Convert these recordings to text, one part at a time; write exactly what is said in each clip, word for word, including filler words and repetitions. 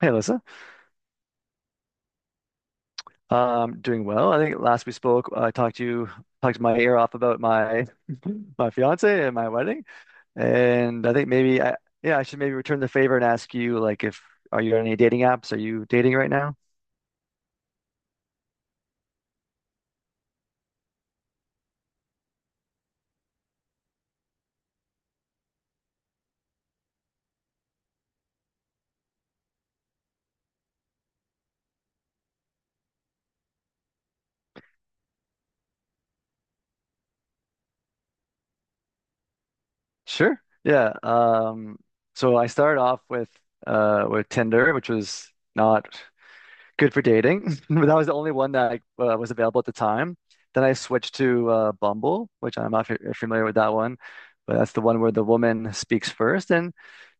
Hey, Alyssa. Um, doing well. I think last we spoke, I talked to you, talked my ear off about my my fiance and my wedding, and I think maybe I yeah I should maybe return the favor and ask you like if are you on any dating apps? Are you dating right now? Sure. Yeah. Um, so I started off with uh with Tinder, which was not good for dating. But that was the only one that uh, was available at the time. Then I switched to uh, Bumble, which I'm not f familiar with that one, but that's the one where the woman speaks first, and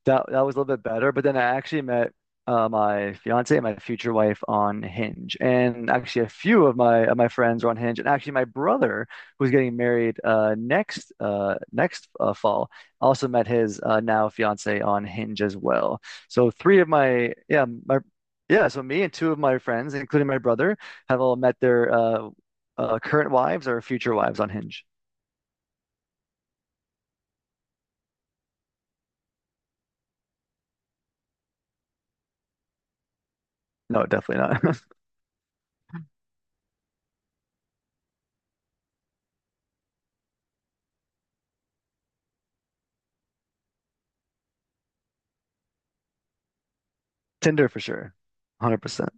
that that was a little bit better, but then I actually met uh, my fiance and my future wife on Hinge, and actually a few of my of my friends are on Hinge, and actually my brother who's getting married uh, next uh, next uh, fall also met his uh, now fiance on Hinge as well. So three of my yeah my Yeah, so me and two of my friends, including my brother, have all met their uh, uh, current wives or future wives on Hinge. No, definitely not. Tinder for sure, one hundred percent.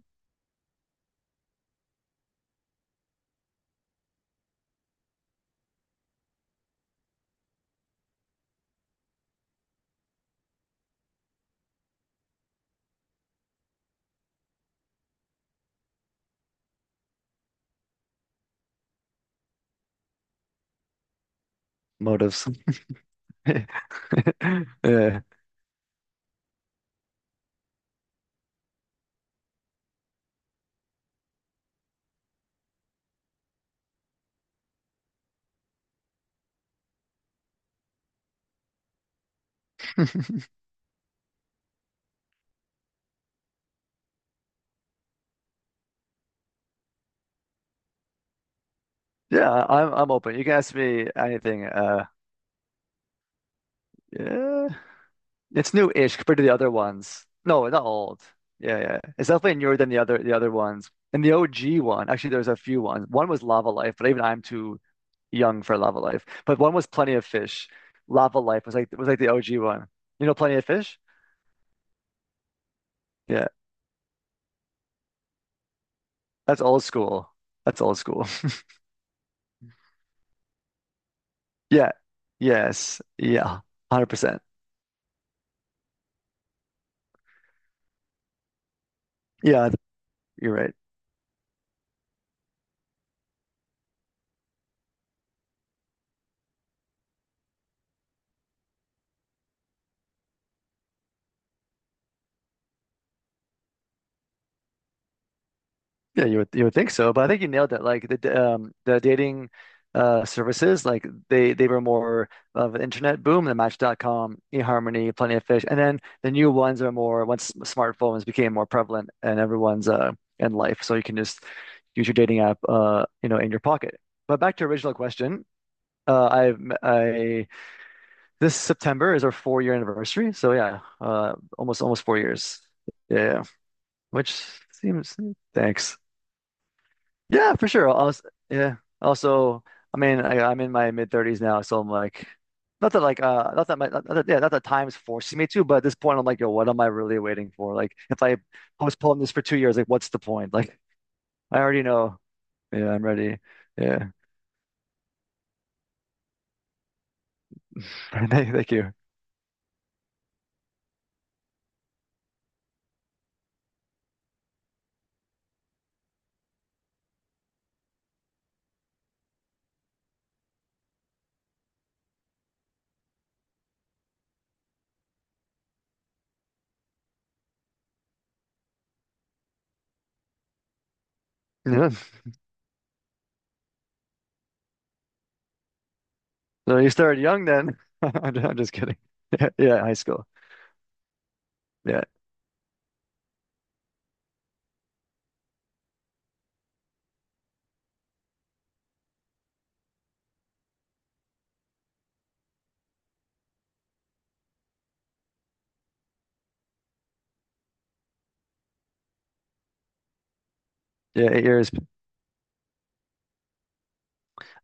Motives. Yeah. Yeah, I'm I'm open. You can ask me anything. Uh, yeah, it's new-ish compared to the other ones. No, not old. Yeah, yeah, it's definitely newer than the other the other ones. And the O G one, actually, there's a few ones. One was Lava Life, but even I'm too young for Lava Life. But one was Plenty of Fish. Lava Life was like was like the O G one. You know, Plenty of Fish? Yeah, that's old school. That's old school. Yeah. Yes. Yeah. one hundred percent. Yeah, you're right. Yeah, you would you would think so, but I think you nailed it. Like the d- um the dating uh services, like they they were more of an internet boom, the Match dot com, eHarmony, Plenty of Fish, and then the new ones are more once smartphones became more prevalent and everyone's uh in life, so you can just use your dating app uh you know in your pocket. But back to your original question, uh I've m- I this September is our four year anniversary, so yeah, uh almost almost four years, yeah, yeah, yeah. Which seems. Thanks. Yeah, for sure. Also, yeah. Also, I mean, I, I'm in my mid thirties now, so I'm like, not that like, uh, not that my, not that, yeah, not that time's forcing me to, but at this point, I'm like, yo, what am I really waiting for? Like, if I postpone this for two years, like, what's the point? Like, I already know. Yeah, I'm ready. Yeah, thank, thank you. Yeah. So you started young then. I'm just, I'm just kidding. Yeah, yeah, high school. Yeah. Yeah, eight years.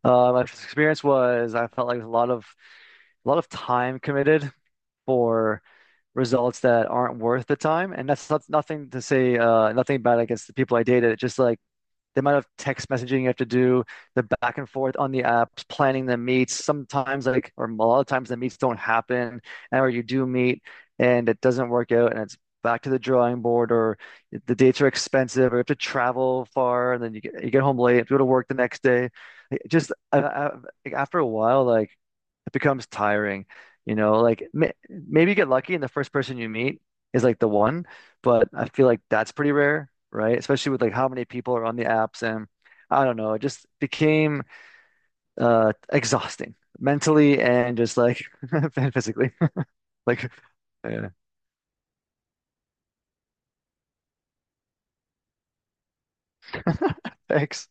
Uh, my experience was I felt like a lot of a lot of time committed for results that aren't worth the time. And that's, that's nothing to say, uh, nothing bad against the people I dated. It's just like the amount of text messaging you have to do, the back and forth on the apps, planning the meets. Sometimes, like, or a lot of times, the meets don't happen, and or you do meet and it doesn't work out, and it's back to the drawing board, or the dates are expensive, or you have to travel far, and then you get, you get home late, have to go to work the next day. Like, just I, I, like, after a while, like it becomes tiring. You know, like may maybe you get lucky and the first person you meet is like the one, but I feel like that's pretty rare, right? Especially with like how many people are on the apps and I don't know, it just became uh exhausting mentally and just like and physically. Like, yeah, thanks.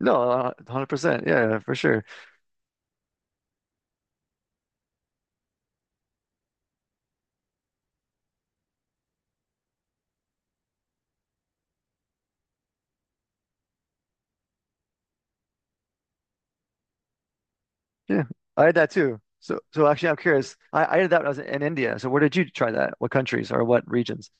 No, uh, one hundred percent. Yeah, yeah, for sure. Yeah. I had that too. So, so actually, I'm curious. I, I did that when I was in India. So, where did you try that? What countries or what regions?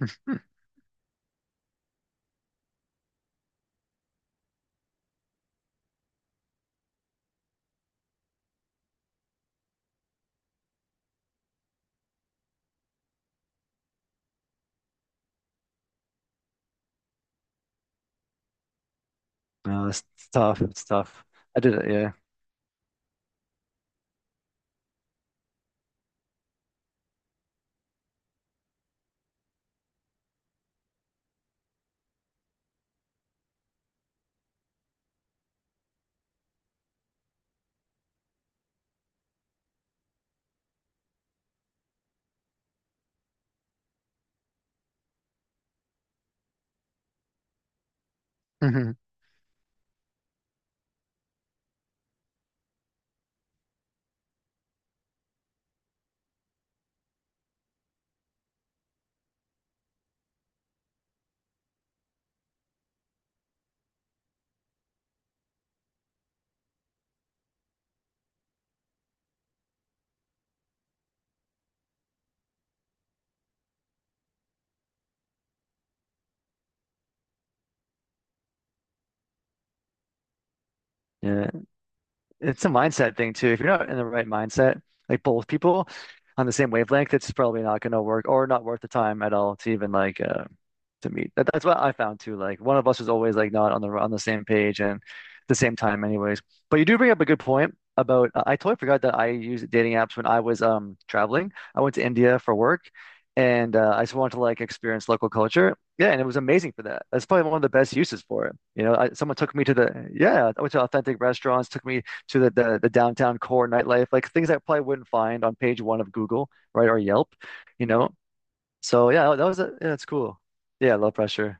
No, it's it's tough. It's tough. I did it. Yeah. Hmm. Yeah. It's a mindset thing too. If you're not in the right mindset, like both people on the same wavelength, it's probably not going to work or not worth the time at all to even like uh, to meet. That, that's what I found too. Like one of us is always like not on the on the same page and the same time, anyways. But you do bring up a good point about. uh, I totally forgot that I used dating apps when I was um traveling. I went to India for work, and uh, I just wanted to like experience local culture. Yeah, and it was amazing for that. That's probably one of the best uses for it. You know, I, someone took me to the yeah, I went to authentic restaurants, took me to the, the the downtown core nightlife, like things I probably wouldn't find on page one of Google, right, or Yelp. You know, so yeah, that was a, yeah, it's cool. Yeah, low pressure.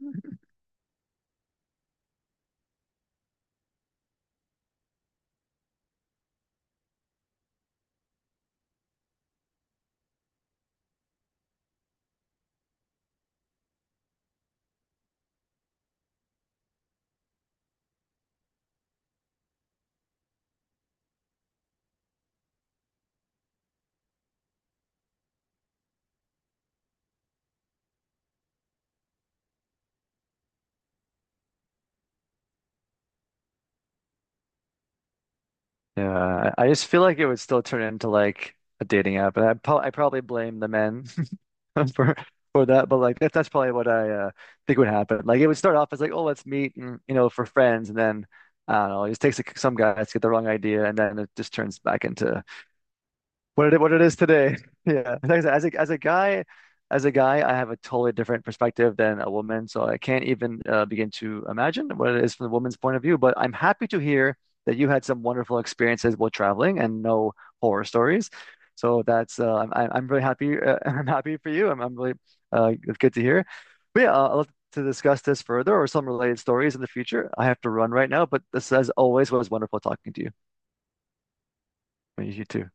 Yeah, I I just feel like it would still turn into like a dating app, and I, pro I probably blame the men for for that. But like that, that's probably what I uh, think would happen. Like it would start off as like, oh, let's meet, and, you know, for friends, and then I don't know, it just takes like, some guys to get the wrong idea, and then it just turns back into what it what it is today. Yeah, like I said, as a as a guy, as a guy, I have a totally different perspective than a woman, so I can't even uh, begin to imagine what it is from the woman's point of view. But I'm happy to hear that you had some wonderful experiences while traveling and no horror stories. So that's uh, I'm I'm I'm really happy. Uh, I'm happy for you. I'm I'm really uh, it's good to hear. But yeah, uh, I'll love to discuss this further or some related stories in the future. I have to run right now, but this, as always, was wonderful talking to you. You too.